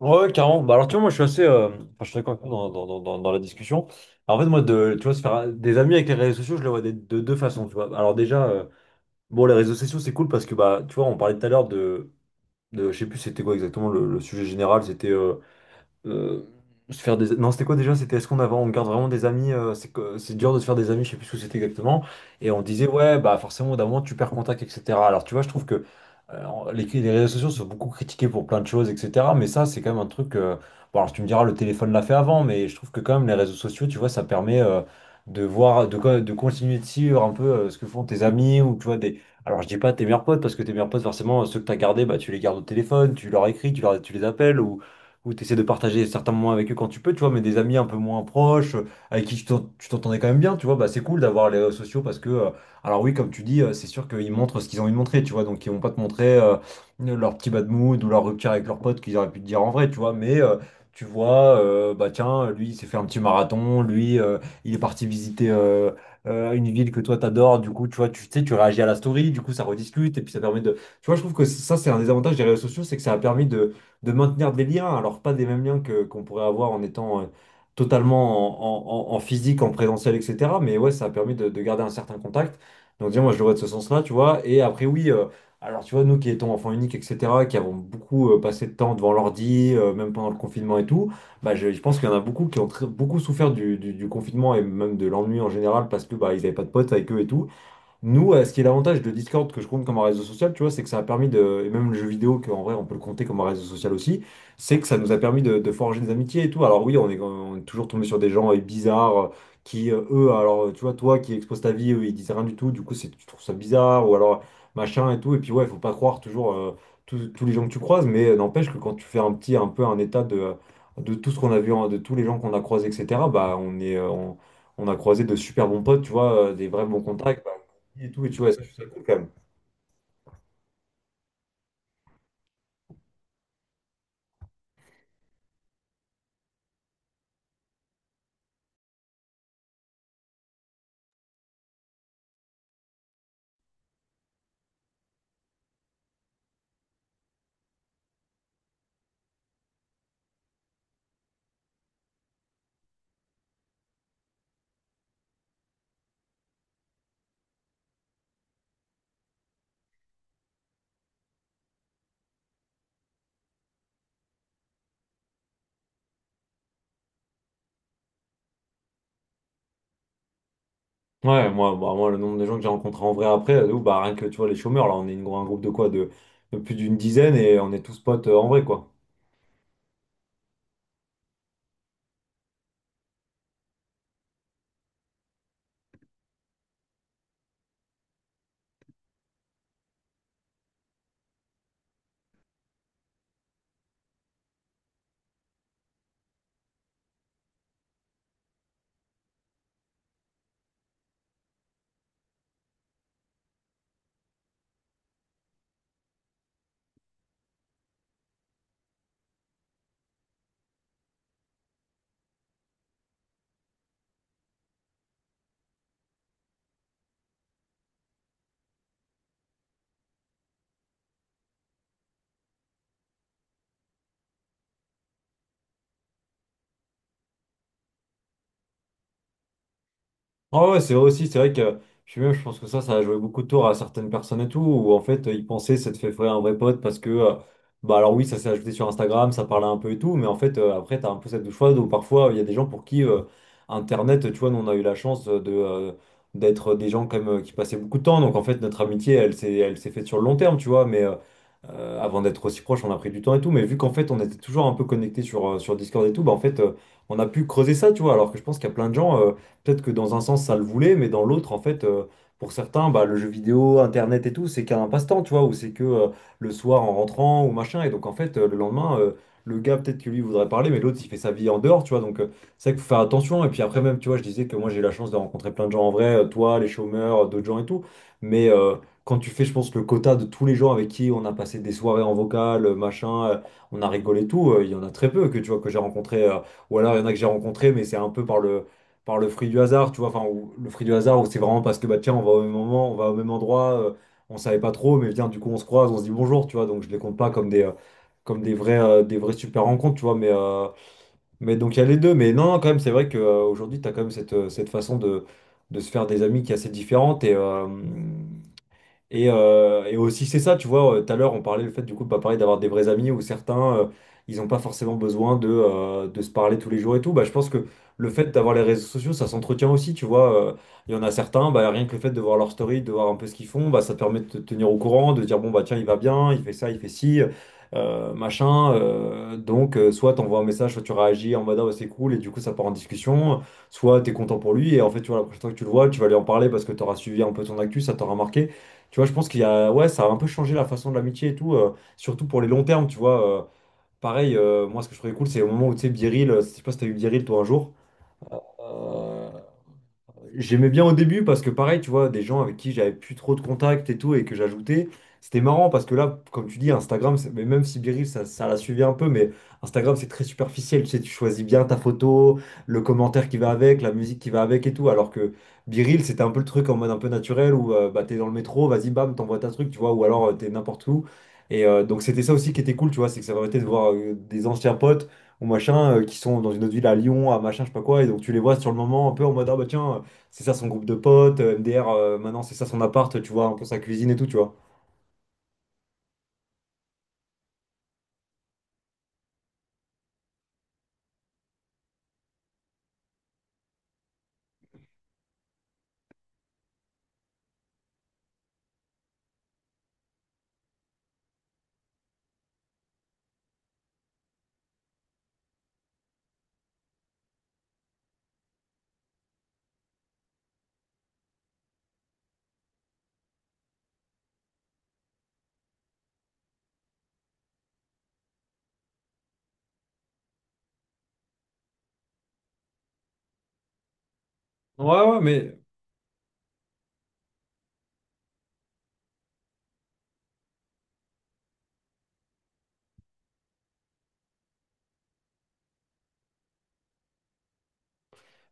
Ouais, ouais, carrément. Bah, alors, tu vois, moi, je suis assez. Enfin, je suis d'accord avec toi dans la discussion. Alors, en fait, moi, de, tu vois, se faire des amis avec les réseaux sociaux, je le vois de deux façons, tu vois. Alors, déjà, bon, les réseaux sociaux, c'est cool parce que, bah, tu vois, on parlait tout à l'heure de je sais plus, c'était quoi exactement le sujet général. C'était. euh, se faire des... Non, c'était quoi déjà? C'était est-ce qu'on avait... on garde vraiment des amis, c'est dur de se faire des amis, je sais plus ce que c'était exactement. Et on disait, ouais, bah forcément, au bout d'un moment, tu perds contact, etc. Alors, tu vois, je trouve que les réseaux sociaux sont beaucoup critiqués pour plein de choses, etc. Mais ça, c'est quand même un truc... Bon, alors, tu me diras, le téléphone l'a fait avant, mais je trouve que quand même, les réseaux sociaux, tu vois, ça permet de voir, de continuer de suivre un peu ce que font tes amis ou, tu vois, des... Alors, je dis pas tes meilleurs potes, parce que tes meilleurs potes, forcément, ceux que tu as gardés, bah, tu les gardes au téléphone, tu leur écris, tu, leur, tu les appelles, ou où tu essaies de partager certains moments avec eux quand tu peux, tu vois, mais des amis un peu moins proches, avec qui tu t'entendais quand même bien, tu vois, bah c'est cool d'avoir les réseaux sociaux parce que, alors oui, comme tu dis, c'est sûr qu'ils montrent ce qu'ils ont envie de montrer, tu vois, donc ils vont pas te montrer leur petit bad mood ou leur rupture avec leurs potes qu'ils auraient pu te dire en vrai, tu vois, mais bah tiens, lui, il s'est fait un petit marathon, lui, il est parti visiter une ville que toi t'adores, du coup, tu vois, tu sais, tu réagis à la story, du coup, ça rediscute, et puis ça permet de... Tu vois, je trouve que ça, c'est un des avantages des réseaux sociaux, c'est que ça a permis de maintenir des liens, alors pas des mêmes liens que qu'on pourrait avoir en étant totalement en physique, en présentiel, etc. Mais ouais, ça a permis de garder un certain contact. Donc déjà, moi, je le vois de ce sens-là, tu vois. Et après, oui, alors tu vois, nous qui étions enfants uniques, etc., qui avons beaucoup passé de temps devant l'ordi, même pendant le confinement et tout, bah, je pense qu'il y en a beaucoup qui ont beaucoup souffert du confinement et même de l'ennui en général parce que bah, ils n'avaient pas de potes avec eux et tout. Nous, ce qui est l'avantage de Discord que je compte comme un réseau social, tu vois, c'est que ça a permis de, et même le jeu vidéo, qu'en vrai on peut le compter comme un réseau social aussi, c'est que ça nous a permis de forger des amitiés et tout. Alors oui, on est toujours tombé sur des gens bizarres qui, eux, alors tu vois, toi qui exposes ta vie, eux, ils disent rien du tout, du coup c'est, tu trouves ça bizarre, ou alors machin et tout. Et puis ouais, faut pas croire toujours tous les gens que tu croises, mais n'empêche que quand tu fais un petit, un peu un état de tout ce qu'on a vu, hein, de tous les gens qu'on a croisés, etc., bah on est... on a croisé de super bons potes, tu vois, des vrais bons contacts et tout, et tu vois, ouais, ça, je trouve ça cool quand même. Ouais, moi, bah, moi, le nombre de gens que j'ai rencontrés en vrai après, de ouf, bah, rien que tu vois, les chômeurs, là, on est un groupe de quoi? De plus d'une dizaine et on est tous potes en vrai, quoi. Ah ouais, c'est vrai aussi, c'est vrai que je suis même, je pense que ça a joué beaucoup de tours à certaines personnes et tout, où en fait, ils pensaient s'être fait frère un vrai pote parce que, bah alors oui, ça s'est ajouté sur Instagram, ça parlait un peu et tout, mais en fait, après, t'as un peu cette douche froide où parfois, il y a des gens pour qui Internet, tu vois, nous, on a eu la chance de, d'être des gens comme qui passaient beaucoup de temps, donc en fait, notre amitié, elle s'est faite sur le long terme, tu vois, mais avant d'être aussi proche, on a pris du temps et tout, mais vu qu'en fait, on était toujours un peu connectés sur, sur Discord et tout, bah en fait, on a pu creuser ça, tu vois, alors que je pense qu'il y a plein de gens. Peut-être que dans un sens, ça le voulait, mais dans l'autre, en fait, pour certains, bah, le jeu vidéo, Internet et tout, c'est qu'un passe-temps, tu vois, ou c'est que le soir en rentrant ou machin. Et donc, en fait, le lendemain, le gars, peut-être que lui voudrait parler, mais l'autre, il fait sa vie en dehors, tu vois. Donc, c'est vrai qu'il faut faire attention. Et puis après, même, tu vois, je disais que moi, j'ai eu la chance de rencontrer plein de gens en vrai, toi, les chômeurs, d'autres gens et tout. Mais quand tu fais, je pense, le quota de tous les gens avec qui on a passé des soirées en vocal, machin, on a rigolé et tout, il y en a très peu que, tu vois, que j'ai rencontré. Ou alors, il y en a que j'ai rencontré, mais c'est un peu par le fruit du hasard, tu vois, enfin, ou- le fruit du hasard, où c'est vraiment parce que, bah, tiens, on va au même moment, on va au même endroit, on savait pas trop, mais viens, du coup, on se croise, on se dit bonjour, tu vois, donc je les compte pas comme des, comme des vrais super rencontres, tu vois, mais donc il y a les deux, mais non, non, quand même, c'est vrai qu'aujourd'hui, tu as quand même cette, cette façon de se faire des amis qui est assez différente, et aussi, c'est ça, tu vois, tout à l'heure, on parlait le fait, du coup, bah, pareil, d'avoir des vrais amis où certains, ils n'ont pas forcément besoin de se parler tous les jours et tout. Bah, je pense que le fait d'avoir les réseaux sociaux, ça s'entretient aussi, tu vois. Il y en a certains, bah, rien que le fait de voir leur story, de voir un peu ce qu'ils font, bah, ça te permet de te tenir au courant, de dire, bon, bah, tiens, il va bien, il fait ça, il fait ci, machin. Donc, soit tu envoies un message, soit tu réagis en mode, ah, ouais, c'est cool, et du coup, ça part en discussion. Soit tu es content pour lui, et en fait, tu vois, la prochaine fois que tu le vois, tu vas lui en parler parce que tu auras suivi un peu ton actu, ça t'aura marqué. Tu vois, je pense qu'il y a, ouais, ça a un peu changé la façon de l'amitié et tout, surtout pour les longs termes, tu vois. Pareil, moi, ce que je trouvais cool, c'est au moment où, tu sais, Biril, je sais pas si t'as eu Biril, toi, un jour. Euh, J'aimais bien au début parce que pareil, tu vois, des gens avec qui j'avais plus trop de contacts et tout et que j'ajoutais, c'était marrant parce que là, comme tu dis, Instagram, c'est- mais même si Biril, ça la suivait un peu, mais Instagram, c'est très superficiel, tu sais, tu choisis bien ta photo, le commentaire qui va avec, la musique qui va avec et tout, alors que Biril, c'était un peu le truc en mode un peu naturel où bah, t'es dans le métro, vas-y, bam, t'envoies ta truc, tu vois, ou alors t'es n'importe où. Et donc c'était ça aussi qui était cool, tu vois, c'est que ça permettait de voir des anciens potes ou machin, qui sont dans une autre ville, à Lyon, à machin, je sais pas quoi, et donc tu les vois sur le moment un peu en mode, ah bah tiens, c'est ça son groupe de potes, MDR, maintenant c'est ça son appart, tu vois, un peu sa cuisine et tout, tu vois. Ouais, ouais, mais...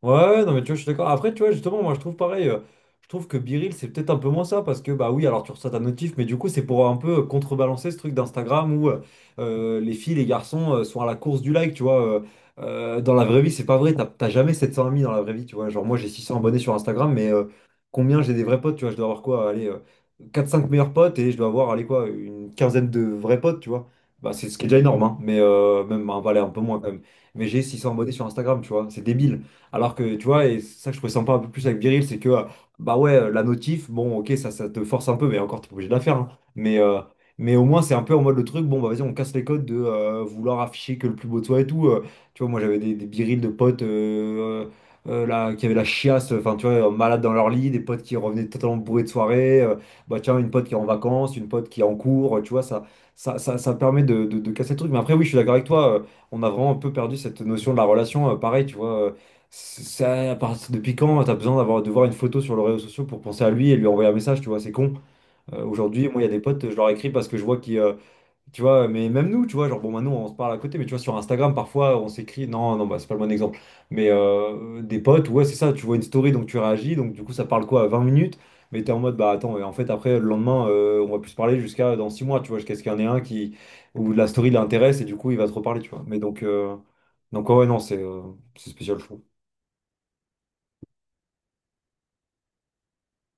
Ouais, ouais, non, mais tu vois, je suis d'accord. Après, tu vois, justement, moi, je trouve pareil. Je trouve que Biril, c'est peut-être un peu moins ça parce que, bah oui, alors tu reçois ta notif, mais du coup, c'est pour un peu contrebalancer ce truc d'Instagram où les filles, les garçons, sont à la course du like, tu vois. Dans la vraie vie, c'est pas vrai. T'as jamais 700 amis dans la vraie vie, tu vois. Genre, moi, j'ai 600 abonnés sur Instagram, mais combien j'ai des vrais potes, tu vois? Je dois avoir quoi? Allez, quatre, cinq meilleurs potes, et je dois avoir, allez, quoi, une quinzaine de vrais potes, tu vois. Bah, c'est ce qui est déjà énorme, hein, mais même, bah, allez, un peu moins quand même. Mais j'ai 600 abonnés sur Instagram, tu vois. C'est débile. Alors que, tu vois, et c'est ça que je trouvais sympa un peu plus avec Biril, c'est que, bah ouais, la notif, bon, ok, ça te force un peu, mais encore, t'es pas obligé de la faire, hein. Mais, euh, mais au moins, c'est un peu en mode le truc, bon, bah vas-y, on casse les codes de vouloir afficher que le plus beau de soi et tout. Tu vois, moi, j'avais des Biril de potes là, qui avaient la chiasse, enfin, tu vois, malades dans leur lit, des potes qui revenaient totalement bourrés de soirée. Bah tiens, une pote qui est en vacances, une pote qui est en cours, tu vois, ça permet de casser le truc. Mais après, oui, je suis d'accord avec toi. On a vraiment un peu perdu cette notion de la relation. Pareil, tu vois. Ça, depuis quand t'as besoin d'avoir de voir une photo sur les réseaux sociaux pour penser à lui et lui envoyer un message? Tu vois, c'est con. Aujourd'hui, moi, il y a des potes, je leur écris parce que je vois qu'ils, tu vois. Mais même nous, tu vois, genre, bon, maintenant, on se parle à côté, mais tu vois, sur Instagram, parfois, on s'écrit. Non, non, bah, c'est pas le bon exemple, mais des potes, ouais, c'est ça, tu vois une story, donc tu réagis, donc du coup, ça parle quoi, à 20 minutes, mais t'es en mode, bah, attends, et en fait, après, le lendemain, on va plus se parler jusqu'à dans 6 mois, tu vois, jusqu'à ce qu'il y en ait un qui, où la story l'intéresse et du coup, il va te reparler, tu vois. Mais donc, ouais, ouais, non, c'est spécial, je